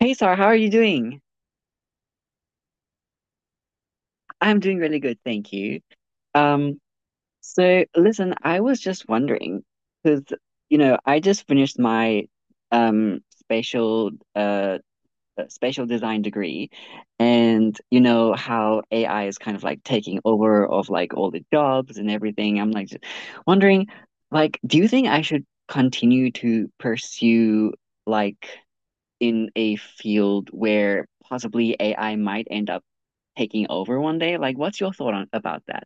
Hey Sarah, how are you doing? I'm doing really good, thank you. Um, so listen, I was just wondering, because you know, I just finished my spatial spatial design degree, and you know how AI is kind of like taking over of like all the jobs and everything. I'm like just wondering, like, do you think I should continue to pursue like in a field where possibly AI might end up taking over one day? Like, what's your thought on about that?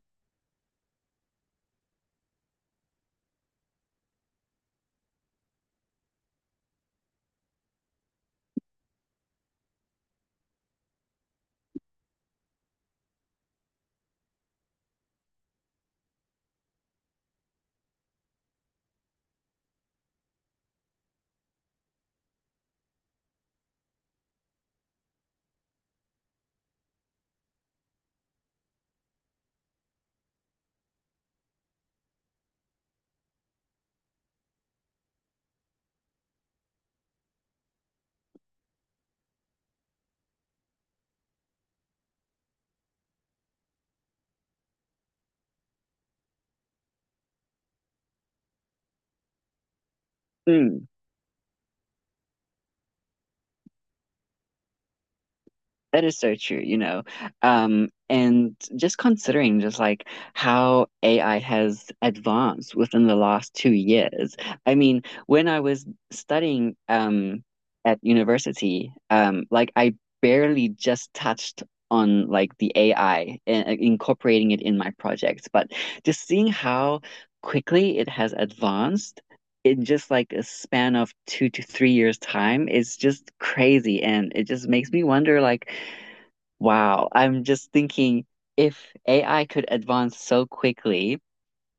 Mm. That is so true, you know. And just considering just like how AI has advanced within the last two years. I mean, when I was studying at university, like I barely just touched on like the AI and incorporating it in my projects, but just seeing how quickly it has advanced. In just like a span of two to three years' time is just crazy. And it just makes me wonder, like, wow, I'm just thinking if AI could advance so quickly,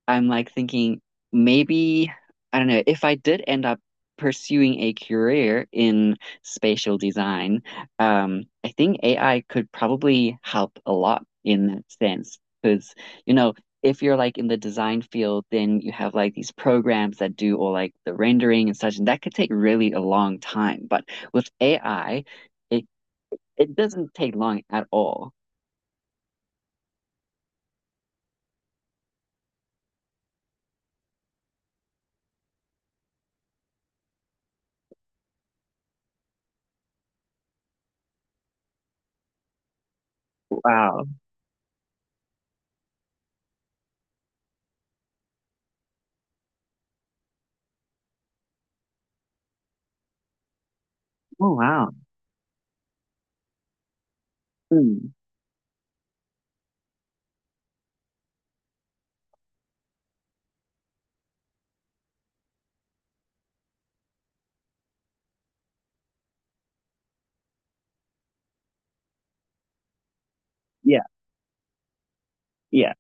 I'm like thinking maybe, I don't know, if I did end up pursuing a career in spatial design, I think AI could probably help a lot in that sense. Because, you know, if you're like in the design field, then you have like these programs that do all like the rendering and such, and that could take really a long time. But with AI, it it doesn't take long at all. Wow. Oh, wow. Mm. Yeah, yeah,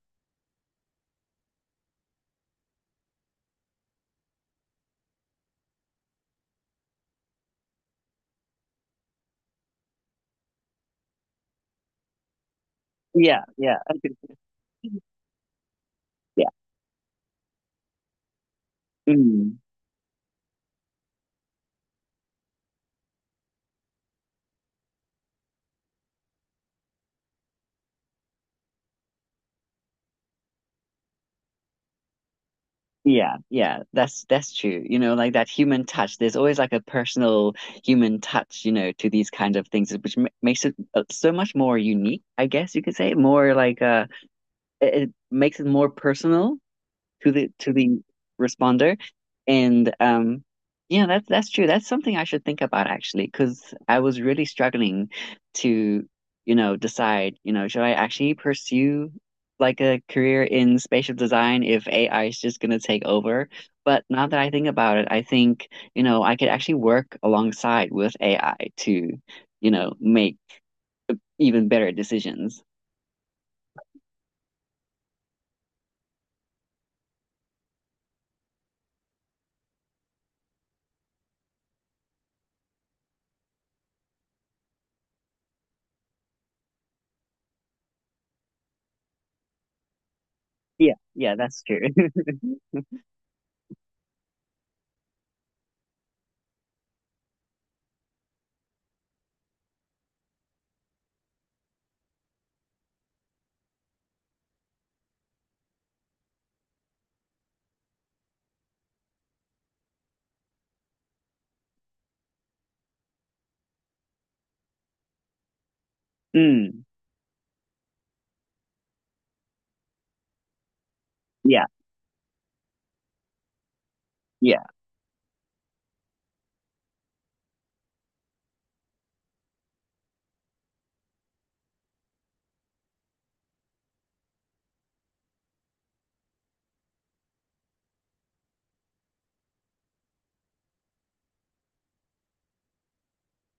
yeah, yeah. Yeah. Mm. Yeah, yeah, that's true. You know, like that human touch. There's always like a personal human touch, you know, to these kinds of things, which ma makes it so much more unique, I guess you could say. More like it makes it more personal to the responder. And yeah, that's true. That's something I should think about actually, because I was really struggling to, you know, decide, you know, should I actually pursue like a career in spatial design if AI is just gonna take over? But now that I think about it, I think, you know, I could actually work alongside with AI to, you know, make even better decisions. Yeah, yeah, that's true. Mm, yeah, yeah,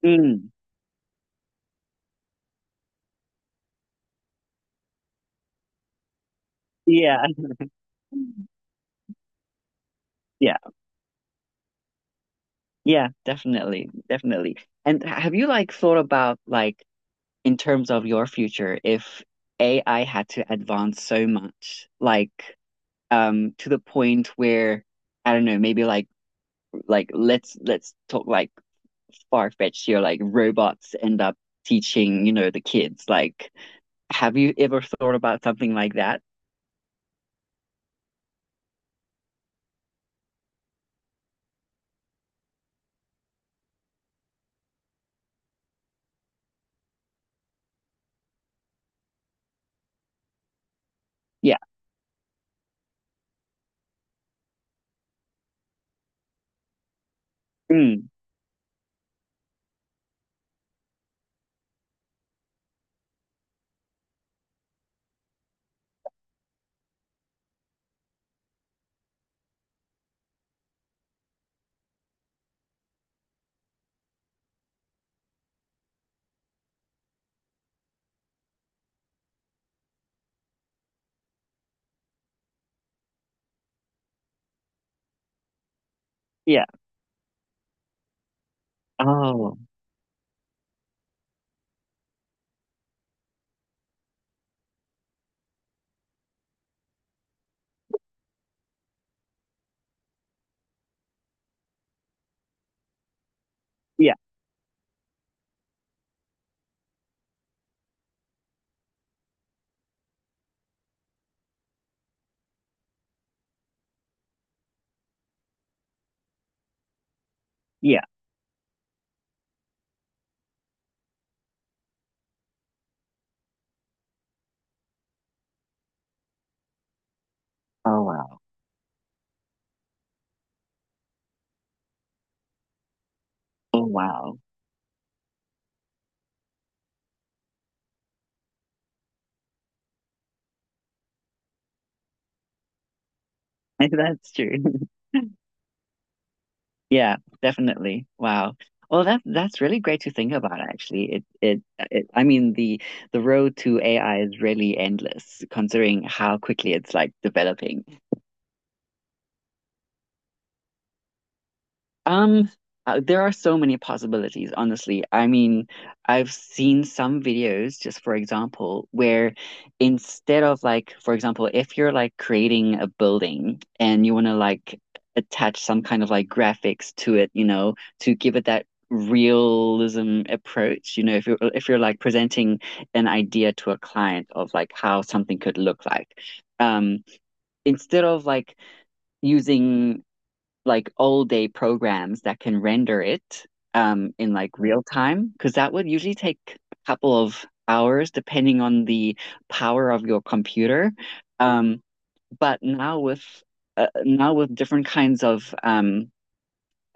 mm, yeah, yeah, yeah, definitely, definitely. And have you like thought about like in terms of your future, if AI had to advance so much, like to the point where I don't know, maybe like let's talk like far-fetched here, like robots end up teaching, you know, the kids. Like, have you ever thought about something like that? Yeah. Mm, yeah. Oh, yeah. Yeah. Oh wow. Oh wow. That's true. Yeah, definitely. Wow. Well, that that's really great to think about, actually. It I mean the road to AI is really endless, considering how quickly it's like developing. Um, there are so many possibilities, honestly. I mean, I've seen some videos, just for example, where instead of like, for example, if you're like creating a building and you want to like attach some kind of like graphics to it, you know, to give it that realism approach, you know, if you're like presenting an idea to a client of like how something could look like. Um, instead of like using like all day programs that can render it in like real time because that would usually take a couple of hours depending on the power of your computer. Um, but now with different kinds of um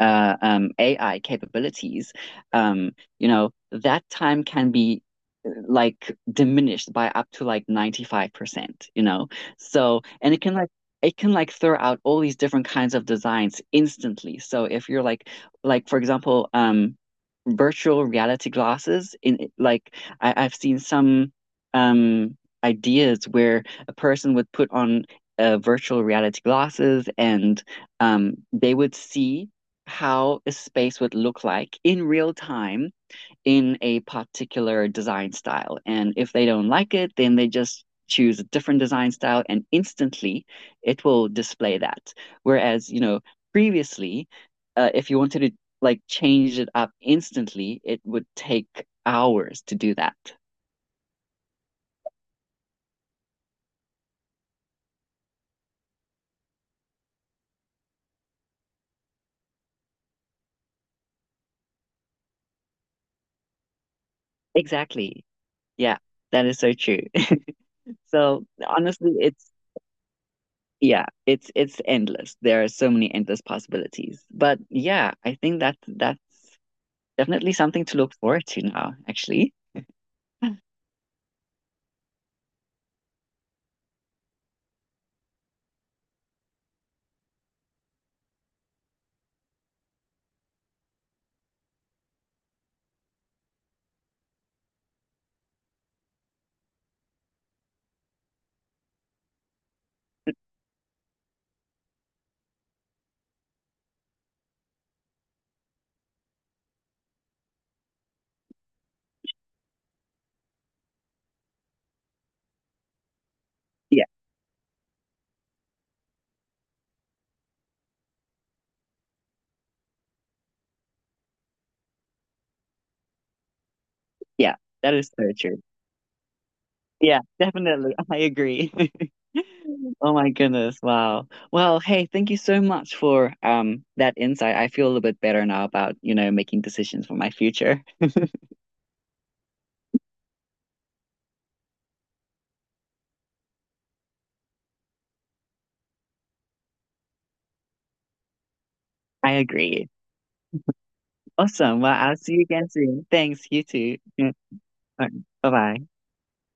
uh, um, AI capabilities, um, you know, that time can be like diminished by up to like 95%, you know. So, and it can like throw out all these different kinds of designs instantly. So if you're like for example, virtual reality glasses in like I've seen some um ideas where a person would put on virtual reality glasses and they would see how a space would look like in real time in a particular design style. And if they don't like it, then they just choose a different design style and instantly it will display that. Whereas, you know, previously, if you wanted to like change it up instantly, it would take hours to do that. Exactly. Yeah, that is so true. So honestly, it's yeah, it's endless. There are so many endless possibilities. But yeah, I think that that's definitely something to look forward to now, actually. Yeah, yeah, that is so true. Yeah, definitely. I agree. Oh my goodness. Wow. Well, hey, thank you so much for that insight. I feel a little bit better now about, you know, making decisions for my future. I agree. Awesome. Well, I'll see you again soon. Thanks, you too. Yeah. Bye bye.